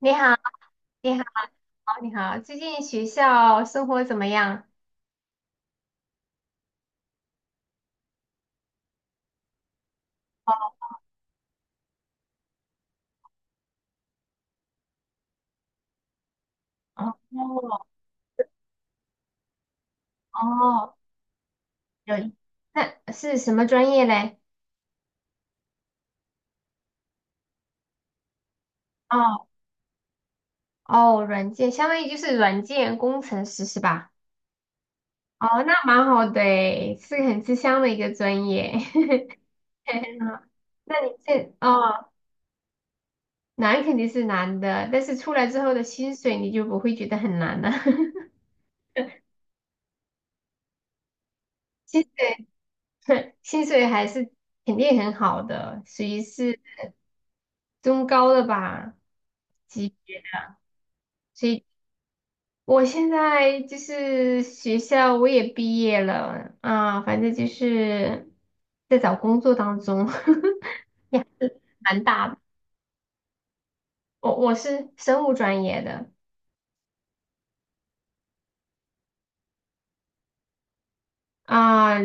你好，你好，你好，最近学校生活怎么样？哦哦，哦，有，那是什么专业嘞？哦哦，软件，相当于就是软件工程师是吧？哦，那蛮好的诶，是个很吃香的一个专业。嗯，那你这哦，难肯定是难的，但是出来之后的薪水你就不会觉得很难了。薪水 薪水还是肯定很好的，属于是中高的吧级别。所以我现在就是学校我也毕业了啊，反正就是在找工作当中，也蛮大的。我是生物专业的。啊，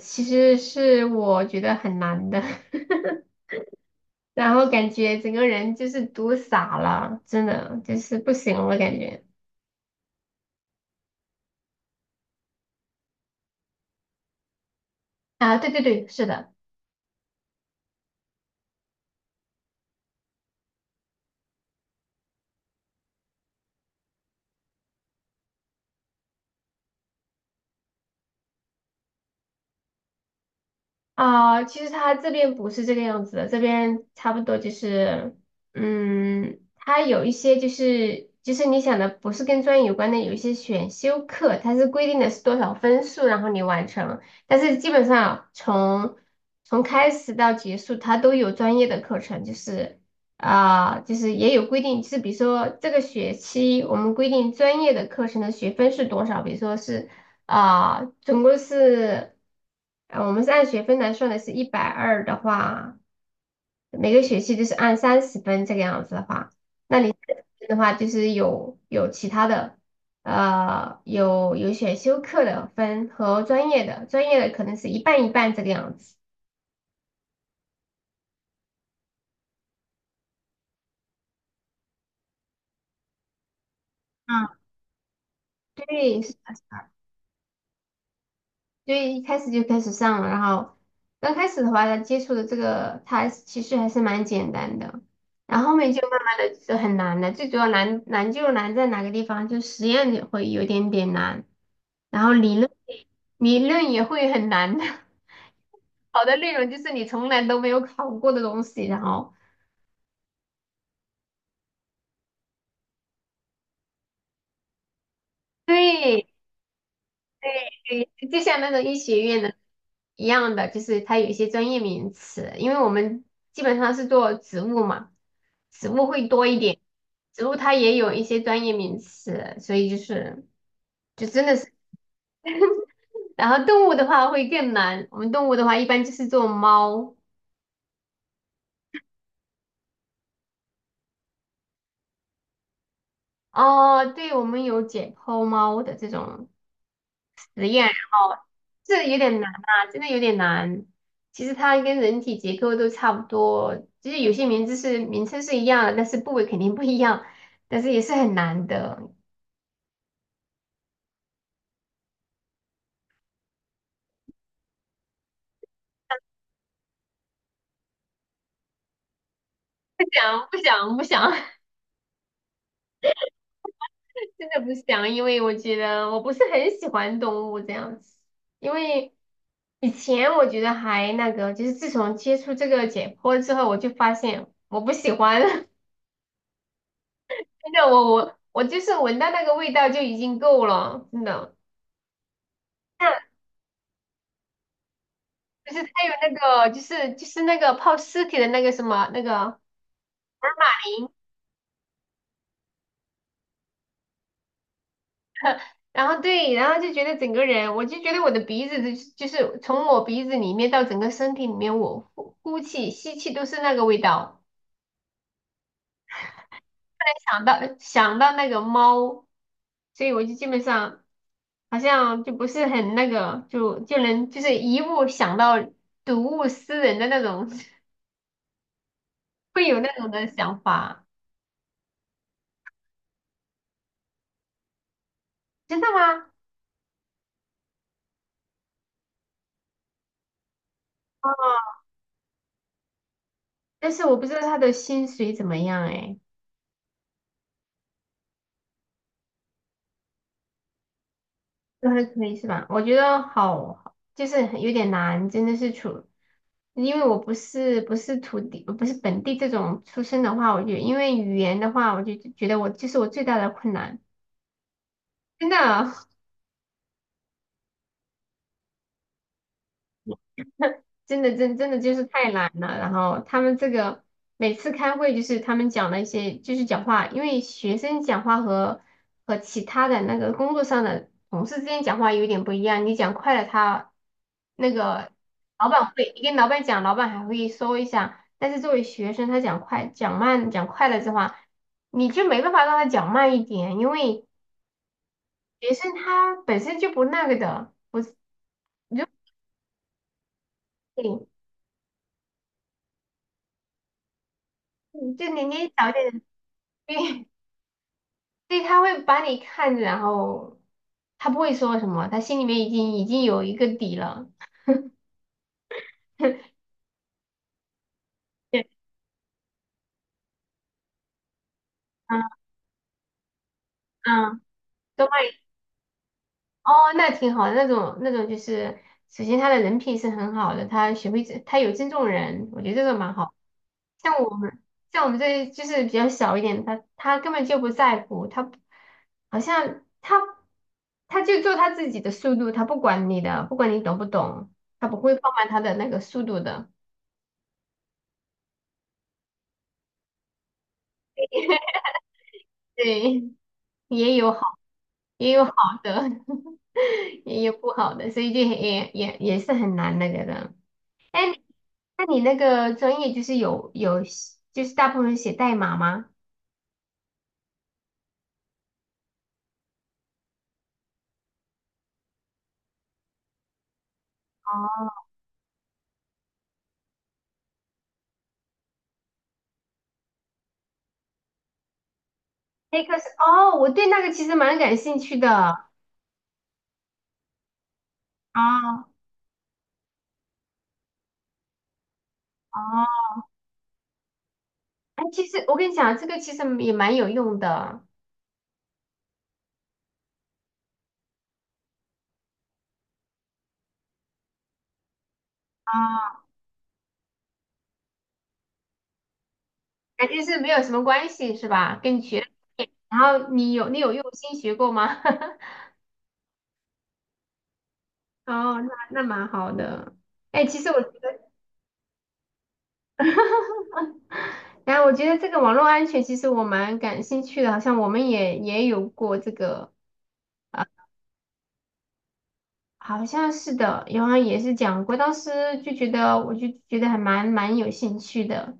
其实是我觉得很难的，然后感觉整个人就是读傻了，真的就是不行了感觉。啊，对对对，是的。啊，其实他这边不是这个样子的，这边差不多就是，嗯，他有一些就是你想的不是跟专业有关的，有一些选修课，它是规定的是多少分数，然后你完成，但是基本上从开始到结束，它都有专业的课程，就是啊，就是也有规定，就是比如说这个学期我们规定专业的课程的学分是多少，比如说是。啊，总共是，我们是按学分来算的，是120的话，每个学期就是按30分这个样子的话就是有其他的，有选修课的分和专业的可能是一半一半这个样子。嗯，对，是的。所以一开始就开始上了，然后刚开始的话，接触的这个它其实还是蛮简单的，然后后面就慢慢的就很难了。最主要难就难在哪个地方，就实验也会有点点难，然后理论也会很难的。好的内容就是你从来都没有考过的东西，然后对对，就像那种医学院的一样的，就是它有一些专业名词，因为我们基本上是做植物嘛，植物会多一点，植物它也有一些专业名词，所以就是就真的是，然后动物的话会更难，我们动物的话一般就是做猫。哦，对，我们有解剖猫的这种实验，然后这有点难啊，真的有点难。其实它跟人体结构都差不多，就是有些名字是名称是一样的，但是部位肯定不一样，但是也是很难的。不想不想不想，真的不想，因为我觉得我不是很喜欢动物这样子。因为以前我觉得还那个，就是自从接触这个解剖之后，我就发现我不喜欢，真的，我就是闻到那个味道就已经够了，真的。就是他有那个，就是那个泡尸体的那个什么那个。然后对，然后就觉得整个人，我就觉得我的鼻子就是从我鼻子里面到整个身体里面，我呼呼气、吸气都是那个味道。想到想到那个猫，所以我就基本上好像就不是很那个，就能就是一物想到睹物思人的那种，会有那种的想法。真的吗？啊，但是我不知道他的薪水怎么样哎。都还可以是吧？我觉得好，就是有点难，真的是处，因为我不是不是土地，不是本地这种出身的话，我就因为语言的话，我就觉得我这是我最大的困难，真的啊。真的就是太懒了。然后他们这个每次开会就是他们讲的一些就是讲话，因为学生讲话和其他的那个工作上的同事之间讲话有点不一样。你讲快了他，那个老板会，你跟老板讲，老板还会说一下。但是作为学生，他讲快讲慢讲快了的话，你就没办法让他讲慢一点，因为学生他本身就不那个的，不是。如果你嗯就你早点。对，所以他会把你看着，然后他不会说什么，他心里面已经有一个底了。对，嗯嗯，都帮你。哦，那挺好的，那种那种就是，首先他的人品是很好的，他学会尊他有尊重人，我觉得这个蛮好。像我们像我们这就是比较小一点，他根本就不在乎，他不好像他就做他自己的速度，他不管你的，不管你懂不懂，他不会放慢他的那个速度的。对，也有。好。也有好的，也有不好的，所以就很也是很难那个的。哎，那你那个专业就是有写就是大部分写代码吗？那个是哦，我对那个其实蛮感兴趣的啊。哦，哎，其实我跟你讲，这个其实也蛮有用的。啊，感觉是没有什么关系是吧？跟你学，哎，然后你有用心学过吗？哦，那蛮好的。哎，其实我觉得。然后我觉得这个网络安全其实我蛮感兴趣的，好像我们也有过这个。啊，好像是的，然后也是讲过，当时就觉得我就觉得还蛮有兴趣的。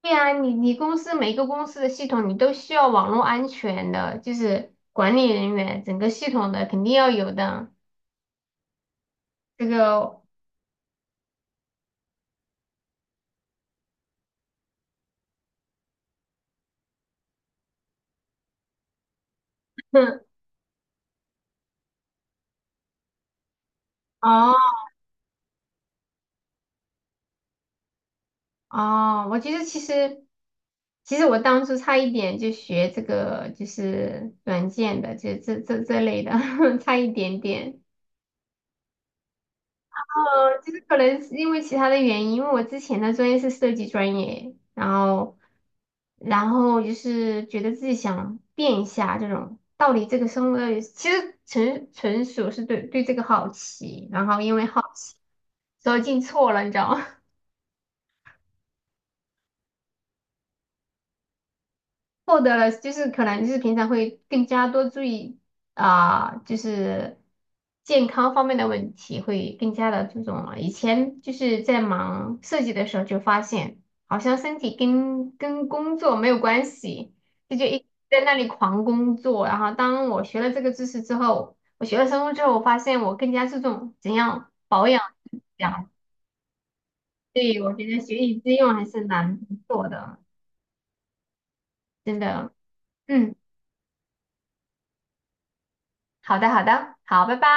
对啊，你公司每个公司的系统你都需要网络安全的，就是管理人员整个系统的肯定要有的。这个，哦。哦，我觉得其实我当初差一点就学这个，就是软件的，就这类的，差一点点。就是可能是因为其他的原因，因为我之前的专业是设计专业，然后就是觉得自己想变一下这种，到底这个生活。到底，其实纯属是对这个好奇，然后因为好奇，所以进错了，你知道吗？获得了，就是可能就是平常会更加多注意啊、就是健康方面的问题会更加的注重了。以前就是在忙设计的时候就发现，好像身体跟工作没有关系，就一直在那里狂工作。然后当我学了这个知识之后，我学了生物之后，我发现我更加注重怎样保养这样。所以我觉得学以致用还是蛮不错的，真的。嗯，好的，好的，好，拜拜。